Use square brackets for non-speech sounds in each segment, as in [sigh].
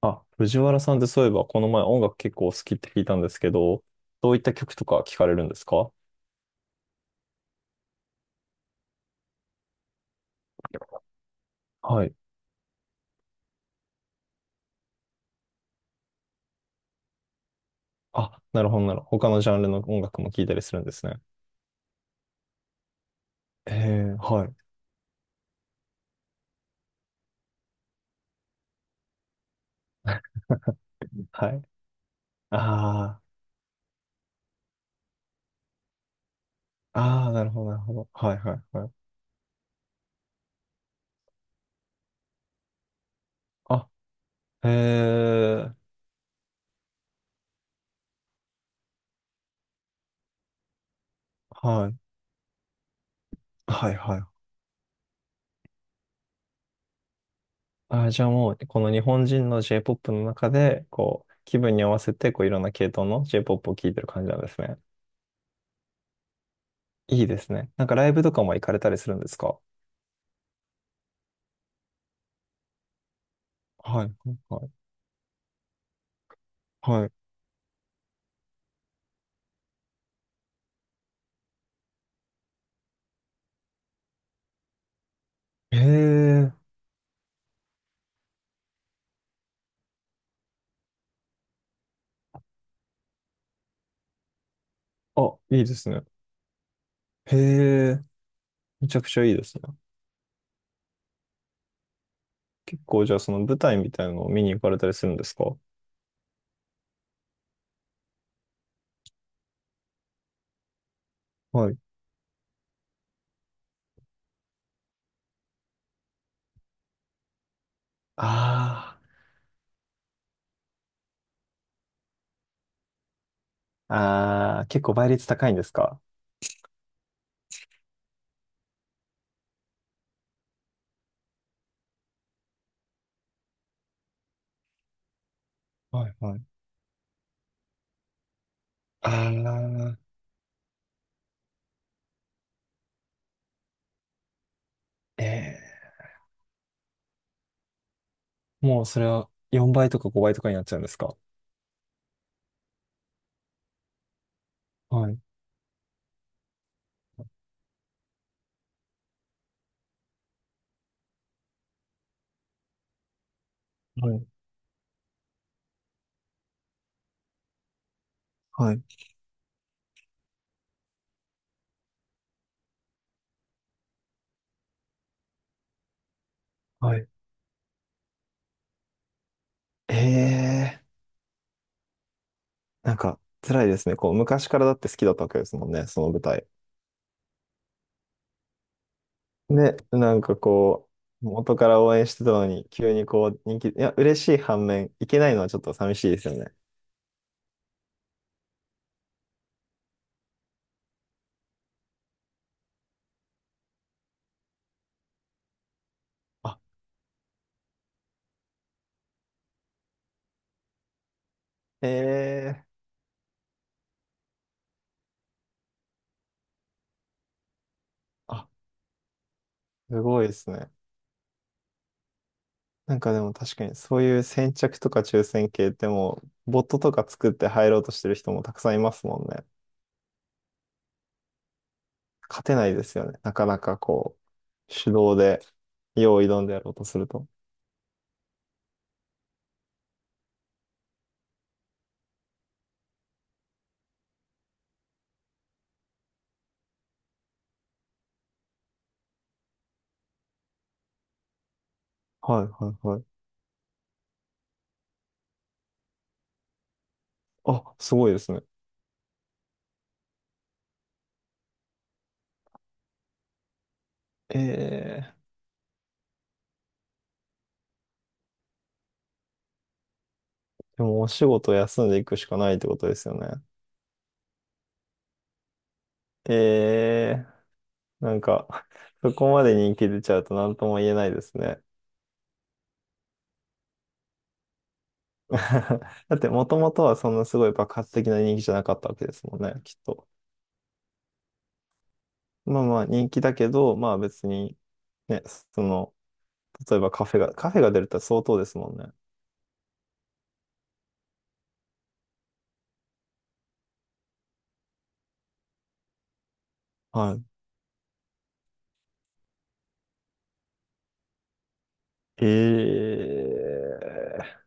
あ、藤原さんってそういえばこの前音楽結構お好きって聞いたんですけど、どういった曲とか聞かれるんですか？はい。あ、なるほどなるほど。他のジャンルの音楽も聞いたりするんですね。ええ、はい。はい。ああ、ああ、なるほどなるほど。はいはいはい。あ、ええ、はい。はいはい。あ、じゃあもう、この日本人の J-POP の中で、こう、気分に合わせて、こう、いろんな系統の J-POP を聴いてる感じなんですね。いいですね。なんかライブとかも行かれたりするんですか？はい。はい。はい。へえ、あ、いいですね。へえ、めちゃくちゃいいですね。結構じゃあその舞台みたいなのを見に行かれたりするんですか？はい。ああ、ああ、結構倍率高いんですか？はいはい。ああ、ええ、もうそれは4倍とか5倍とかになっちゃうんですか？はい、はい、はい、はい。ええ、なんか辛いですね。こう昔からだって好きだったわけですもんね、その舞台。ね、なんかこう、元から応援してたのに、急にこう、人気、いや、嬉しい反面、いけないのはちょっと寂しいですよね。あ、ええ。あ、すごいですね。なんかでも確かに、そういう先着とか抽選系ってもう、ボットとか作って入ろうとしてる人もたくさんいますもんね。勝てないですよね。なかなかこう、手動で、よう挑んでやろうとすると。はいはいはい。あ、すごいですね。ええ。でもお仕事休んでいくしかないってことですよね。ええ。なんか、[laughs] そこまで人気出ちゃうと何とも言えないですね。[laughs] だって、もともとはそんなすごい爆発的な人気じゃなかったわけですもんね、きっと。まあまあ、人気だけど、まあ別に、ね、その、例えばカフェが出るって相当ですもんね。はい。ええ。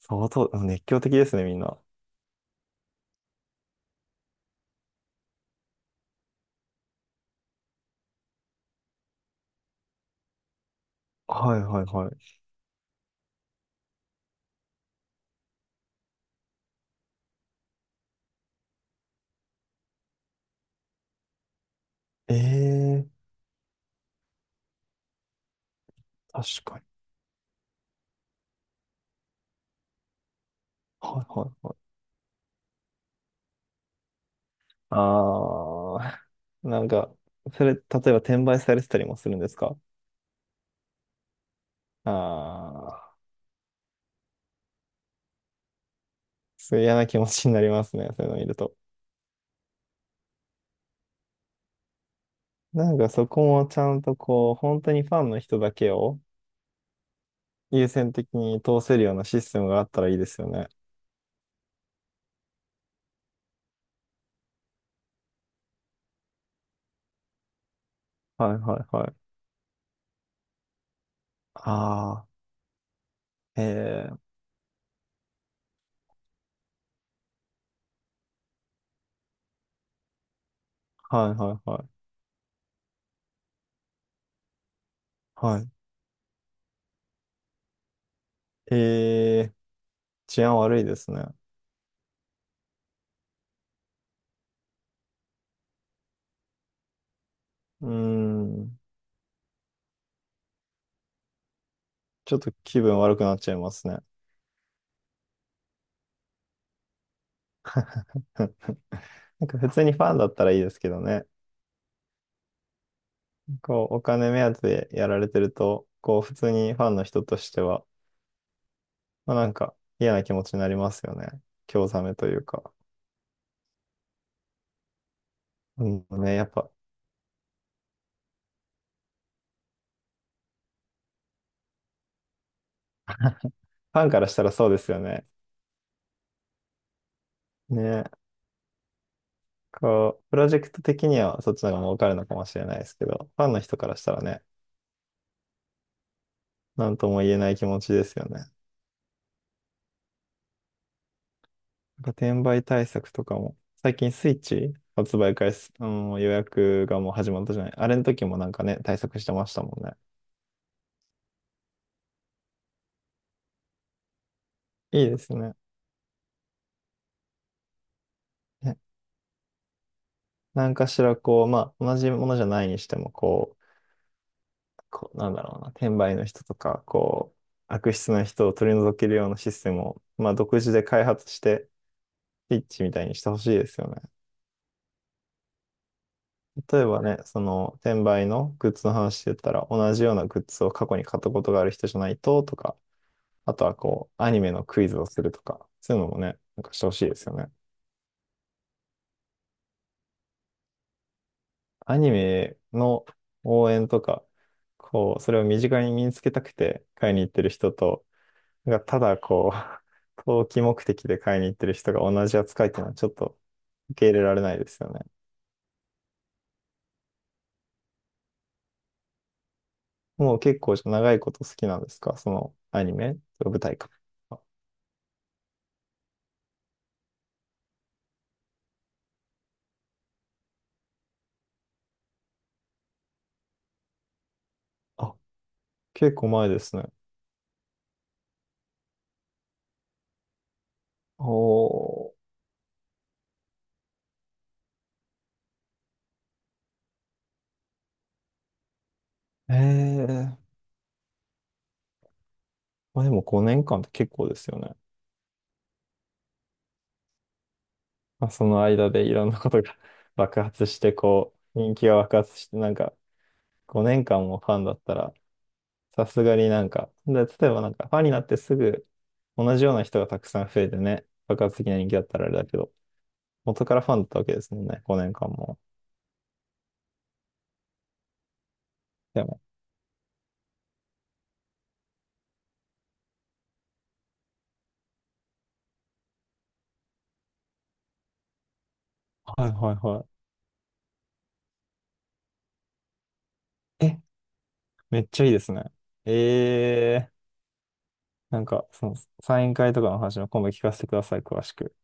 相当、熱狂的ですね、みんな。はいはいはい。ええ。確かに。はいはいはい。ああ、[laughs] なんか、それ、例えば転売されてたりもするんですか？ああ、すごい嫌な気持ちになりますね、[laughs] そういうの見ると。なんかそこもちゃんとこう、本当にファンの人だけを優先的に通せるようなシステムがあったらいいですよね。はいはいはい。ああ、ええ、はいはいはい。はい。ええ、治安悪いですね。うーん、ちょっと気分悪くなっちゃいますね。うん。なんか普通にファンだったらいいですけどね。こう、お金目当てでやられてると、こう、普通にファンの人としては、まあ、なんか嫌な気持ちになりますよね。興ざめというか。うん。ね、やっぱ、[laughs] ファンからしたらそうですよね。ね、こう、プロジェクト的にはそっちの方が儲かるのかもしれないですけど、ファンの人からしたらね、なんとも言えない気持ちですよね。なんか転売対策とかも、最近スイッチ発売開始、あの予約がもう始まったじゃない。あれの時もなんかね、対策してましたもんね。いいですね。ね、なんかしらこう、まあ、同じものじゃないにしても、こう、こう、なんだろうな、転売の人とか、こう、悪質な人を取り除けるようなシステムを、まあ、独自で開発して、ピッチみたいにしてほしいですよね。例えばね、その、転売のグッズの話で言ったら、同じようなグッズを過去に買ったことがある人じゃないと、とか、あとはこう、アニメのクイズをするとか、そういうのもね、なんかしてほしいですよね。アニメの応援とか、こう、それを身近に身につけたくて買いに行ってる人と、なんかただこう、[laughs] 投機目的で買いに行ってる人が同じ扱いっていうのはちょっと受け入れられないですよね。もう結構長いこと好きなんですか、そのアニメと舞台か。あ、あ。結構前ですね。おー。ええ。まあでも5年間って結構ですよね。まあ、その間でいろんなことが [laughs] 爆発して、こう、人気が爆発して、なんか5年間もファンだったら、さすがになんか、で、例えばなんかファンになってすぐ同じような人がたくさん増えてね、爆発的な人気だったらあれだけど、元からファンだったわけですもんね、5年間も。でも、はいはいはい。え、めっちゃいいですね。えー、なんかそのサイン会とかの話の今度聞かせてください、詳しく。